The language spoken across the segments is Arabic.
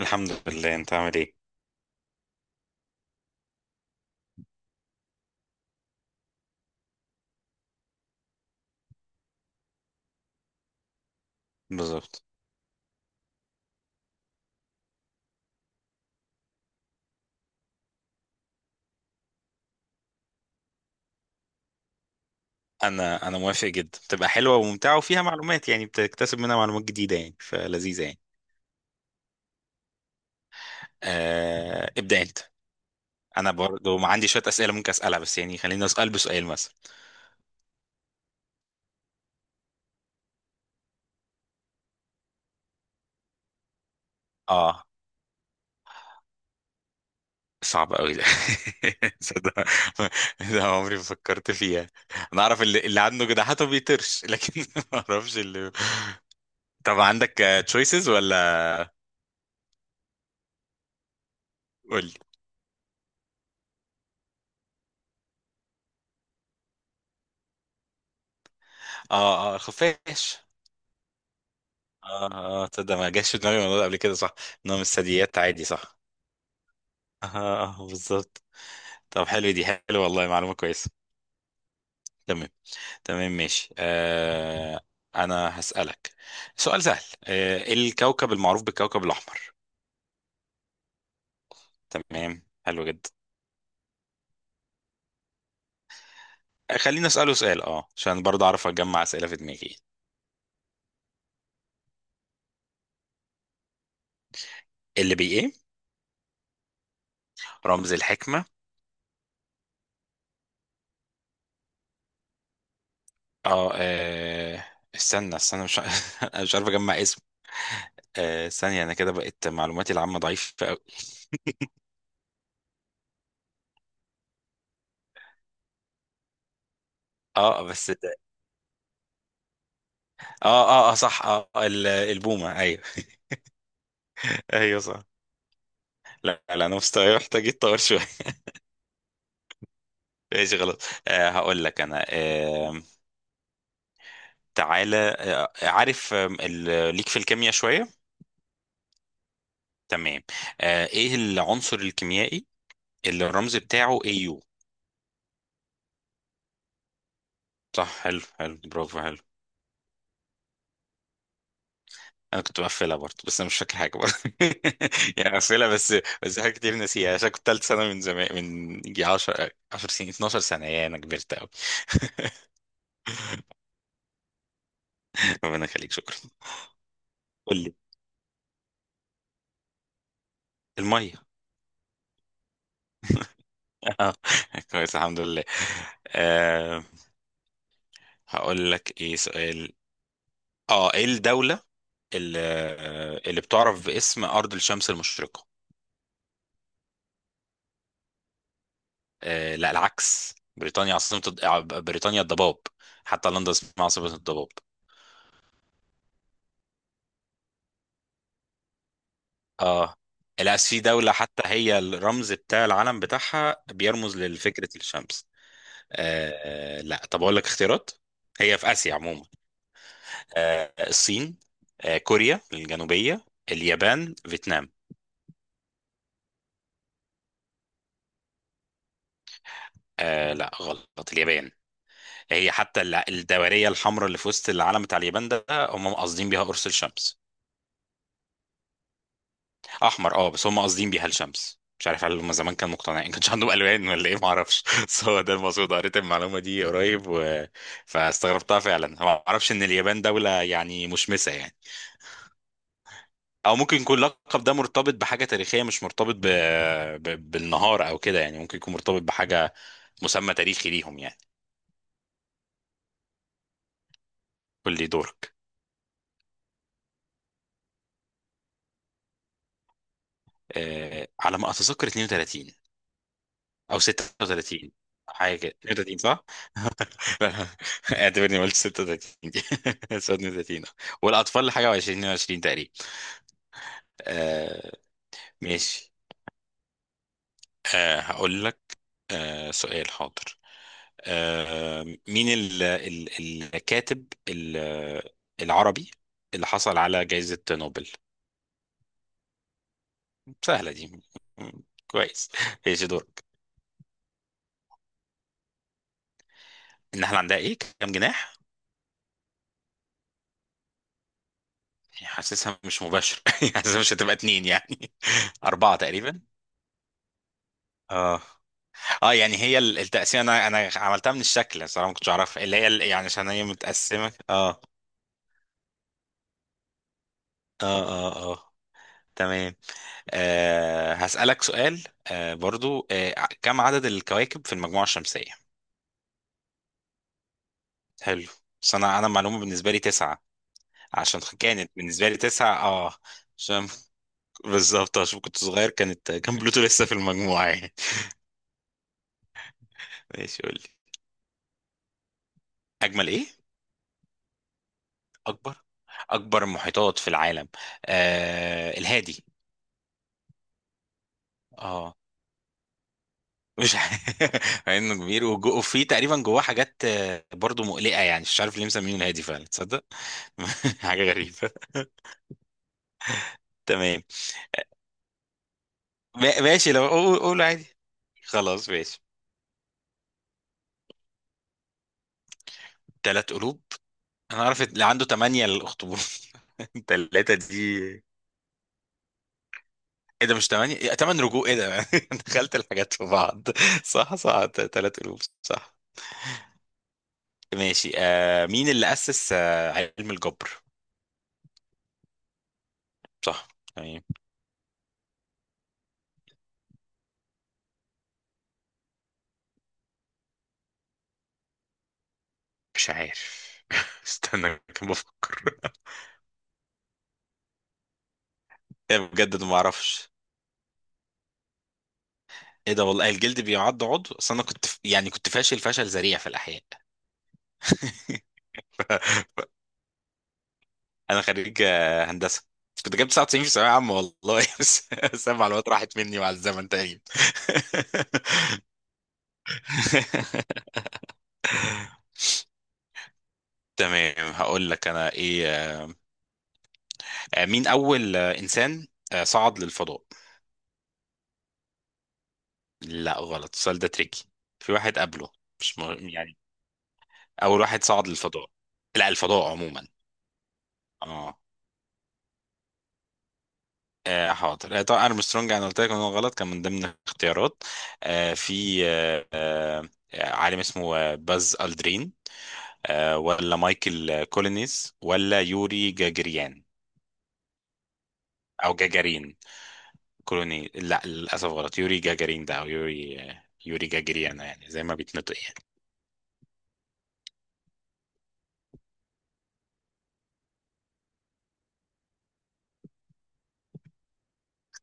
الحمد لله، انت عامل ايه؟ بالظبط. انا موافق جدا، بتبقى حلوه وممتعه وفيها معلومات، يعني بتكتسب منها معلومات جديده، يعني فلذيذه يعني. ابدا انت. انا برضو ما عندي شويه اسئله ممكن اسالها، بس يعني خليني اسال بسؤال مثلا. اه صعب قوي ده. صدق. ده عمري ما فكرت فيها. انا اعرف اللي عنده جناحات ما بيطيرش لكن ما اعرفش اللي. طب عندك تشويسز ولا؟ قول لي. اه اه، خفاش. اه اه، تصدق ما جاش في دماغي الموضوع ده قبل كده؟ صح. انه من الثدييات عادي، صح. اه اه، بالظبط. طب حلو، دي حلو والله، معلومة كويسة. تمام. تمام ماشي. انا هسألك سؤال سهل. الكوكب المعروف بالكوكب الاحمر؟ تمام، حلو جدا. خلينا اسأله سؤال، عشان برضه اعرف اجمع اسئلة في دماغي. اللي بي ايه؟ رمز الحكمة. اه آه، استنى استنى، مش أنا مش عارف اجمع اسم. ثانية. انا كده بقت معلوماتي العامة ضعيفة قوي. اه بس. اه صح. البومة، ايوه. ايوه صح. لا لا، انا مستواي محتاج يتطور شوية. ماشي خلاص. هقول لك انا. تعالى عارف؟ ليك في الكيمياء شوية. تمام. ايه العنصر الكيميائي اللي الرمز بتاعه AU؟ صح، حلو حلو، برافو، حلو. انا كنت بقفلها برضه، بس انا مش فاكر حاجة برضه. يعني بقفلها بس. بس حاجات كتير ناسيها، عشان كنت تالت سنة من زمان، من يجي 10 10 سنين، 12 سنة، يا انا كبرت قوي. ربنا يخليك، شكرا. قول لي. المية. آه، كويس، الحمد لله. أه هقول لك ايه سؤال. اه ايه الدولة اللي, اللي بتعرف باسم أرض الشمس المشرقة؟ لا، العكس. بريطانيا عاصمة الض- آه، بريطانيا الضباب. حتى لندن اسمها عاصمة الضباب. اه لا، في دولة حتى هي الرمز بتاع العلم بتاعها بيرمز لفكرة الشمس. لا، طب اقول لك اختيارات. هي في آسيا عموما. الصين، كوريا الجنوبية، اليابان، فيتنام. لا، غلط، اليابان. هي حتى الدورية الحمراء اللي في وسط العلم بتاع اليابان ده، هم قاصدين بيها قرص الشمس. احمر، بس هم قاصدين بيها الشمس. مش عارف هل هم زمان كانوا مقتنعين، كانش عندهم الوان ولا ايه، ما اعرفش. بس هو ده المقصود، قريت المعلومة دي قريب فاستغربتها فعلا. ما اعرفش ان اليابان دولة يعني مشمسة يعني. او ممكن يكون اللقب ده مرتبط بحاجة تاريخية، مش مرتبط بالنهار او كده يعني. ممكن يكون مرتبط بحاجة، مسمى تاريخي ليهم يعني. قول لي دورك. على ما اتذكر 32. او 36، أو حاجه كده. 32، صح؟ لا، اعتبرني ما قلتش 36 دي. 32. والاطفال حاجه و20 22 تقريبا. آه. ماشي. هقول لك. سؤال حاضر. مين ال الكاتب العربي اللي حصل على جائزة نوبل؟ سهلة دي. م- كويس. ايش دورك؟ النحلة عندها ايه، كام جناح؟ حاسسها مش مباشر. حاسسها مش هتبقى اتنين يعني. أربعة تقريبا. اه. اه يعني هي التقسيمه، انا عملتها من الشكل صراحه، ما كنتش اعرفها، اللي هي يعني عشان هي متقسمه. اه اه اه اه تمام. هسألك سؤال. برضو. كم عدد الكواكب في المجموعه الشمسيه؟ حلو. بس انا المعلومه بالنسبه لي تسعه. عشان كانت بالنسبه لي تسعه. اه عشان بالظبط. عشان كنت صغير كان بلوتو لسه في المجموعه يعني. ماشي قول لي. اجمل ايه؟ اكبر اكبر محيطات في العالم. الهادي. اه مش عارف. مع انه كبير وفي تقريبا جواه حاجات برضو مقلقه. يعني مش عارف ليه مسمينه الهادي فعلا، تصدق. حاجه غريبه. تمام. ماشي، لو قول قول عادي. خلاص ماشي. تلات قلوب. انا عارف اللي عنده تمانية، الاخطبوط. التلاتة دي. ايه ده، مش تمانية؟ إيه، تمن رجوع ايه ده؟ أنا دخلت الحاجات في بعض. صح صح، تلات قلوب، صح. ماشي. مين اللي أسس علم الجبر؟ صح، تمام. مش عارف. استنى كم بفكر. إيه، بجد ما اعرفش. ايه ده، والله الجلد بيعد عضو؟ اصل انا كنت يعني كنت فاشل فشل ذريع في الاحياء. انا خريج هندسه. كنت جايب 99 في ثانويه عامه، والله. بس بس المعلومات راحت مني مع الزمن تقريبا. تمام. هقول لك انا ايه. مين اول انسان صعد للفضاء؟ لا، غلط، السؤال ده تريكي، في واحد قبله، مش مهم يعني. اول واحد صعد للفضاء. لا، الفضاء عموما. اه. حاضر. طبعا ارمسترونج انا قلت لك ان هو غلط، كان من ضمن الاختيارات. في عالم اسمه باز الدرين. ولا مايكل كولينيز، ولا يوري جاجريان. او جاجارين. كولوني، لا للاسف غلط. يوري جاجارين ده، او يوري جاجريان، يعني زي ما بيتنطق يعني.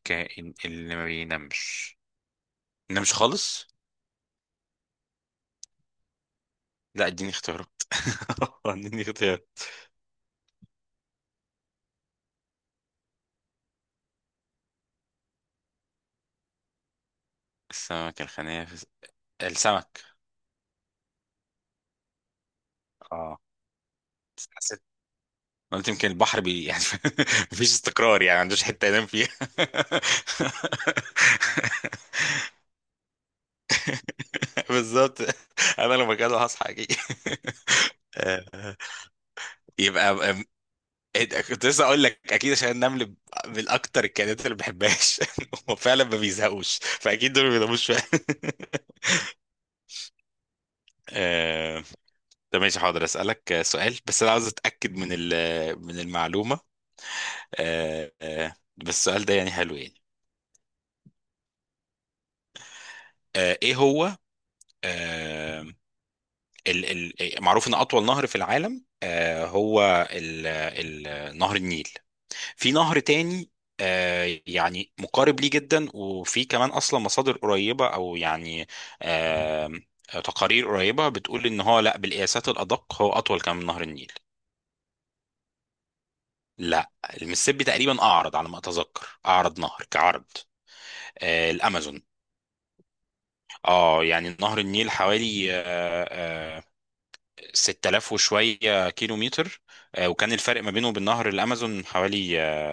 كائن اللي ما بينامش. نمش خالص. لا، اديني اختيارات. اديني اختيار. السمك الخنافس. السمك. اه قلت يمكن البحر بي يعني. مفيش استقرار يعني، ما عندوش حته ينام فيها. بالظبط. انا لو مكانه هصحى اكيد. آه، يبقى أم- كنت لسه اقول لك اكيد عشان النمل من اكتر الكائنات اللي ما بحبهاش. هو فعلا ما بيزهقوش، فاكيد دول ما بيناموش فعلا. آه، طب ماشي، حاضر اسالك سؤال، بس انا عاوز اتاكد من من المعلومه. بس السؤال ده يعني حلو يعني. ايه هو. آه، ال ال معروف ان اطول نهر في العالم هو ال نهر النيل. في نهر تاني يعني مقارب ليه جدا، وفي كمان اصلا مصادر قريبه، او يعني آه، تقارير قريبه بتقول ان هو لا، بالقياسات الادق هو اطول كمان من نهر النيل. لا، المسيسيبي تقريبا اعرض، على ما اتذكر، اعرض نهر كعرض. الامازون. اه، يعني نهر النيل حوالي آه، 6000 وشوية كيلو متر، وكان الفرق ما بينه وبين نهر الأمازون حوالي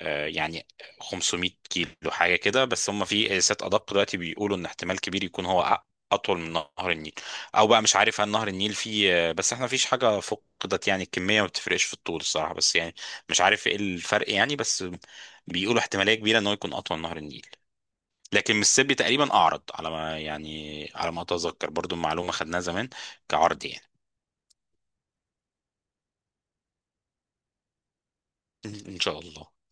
آه، يعني 500 كيلو حاجة كده، بس هم في قياسات أدق دلوقتي بيقولوا إن احتمال كبير يكون هو أطول من نهر النيل. أو بقى مش عارف هل نهر النيل فيه بس احنا مفيش حاجة فقدت يعني، الكمية ما بتفرقش في الطول الصراحة، بس يعني مش عارف إيه الفرق يعني. بس بيقولوا احتمالية كبيرة إن هو يكون أطول من نهر النيل. لكن مississippi تقريبا أعرض، على ما يعني، على ما أتذكر برضو، معلومة خدناها زمان، كعرض يعني. إن شاء الله.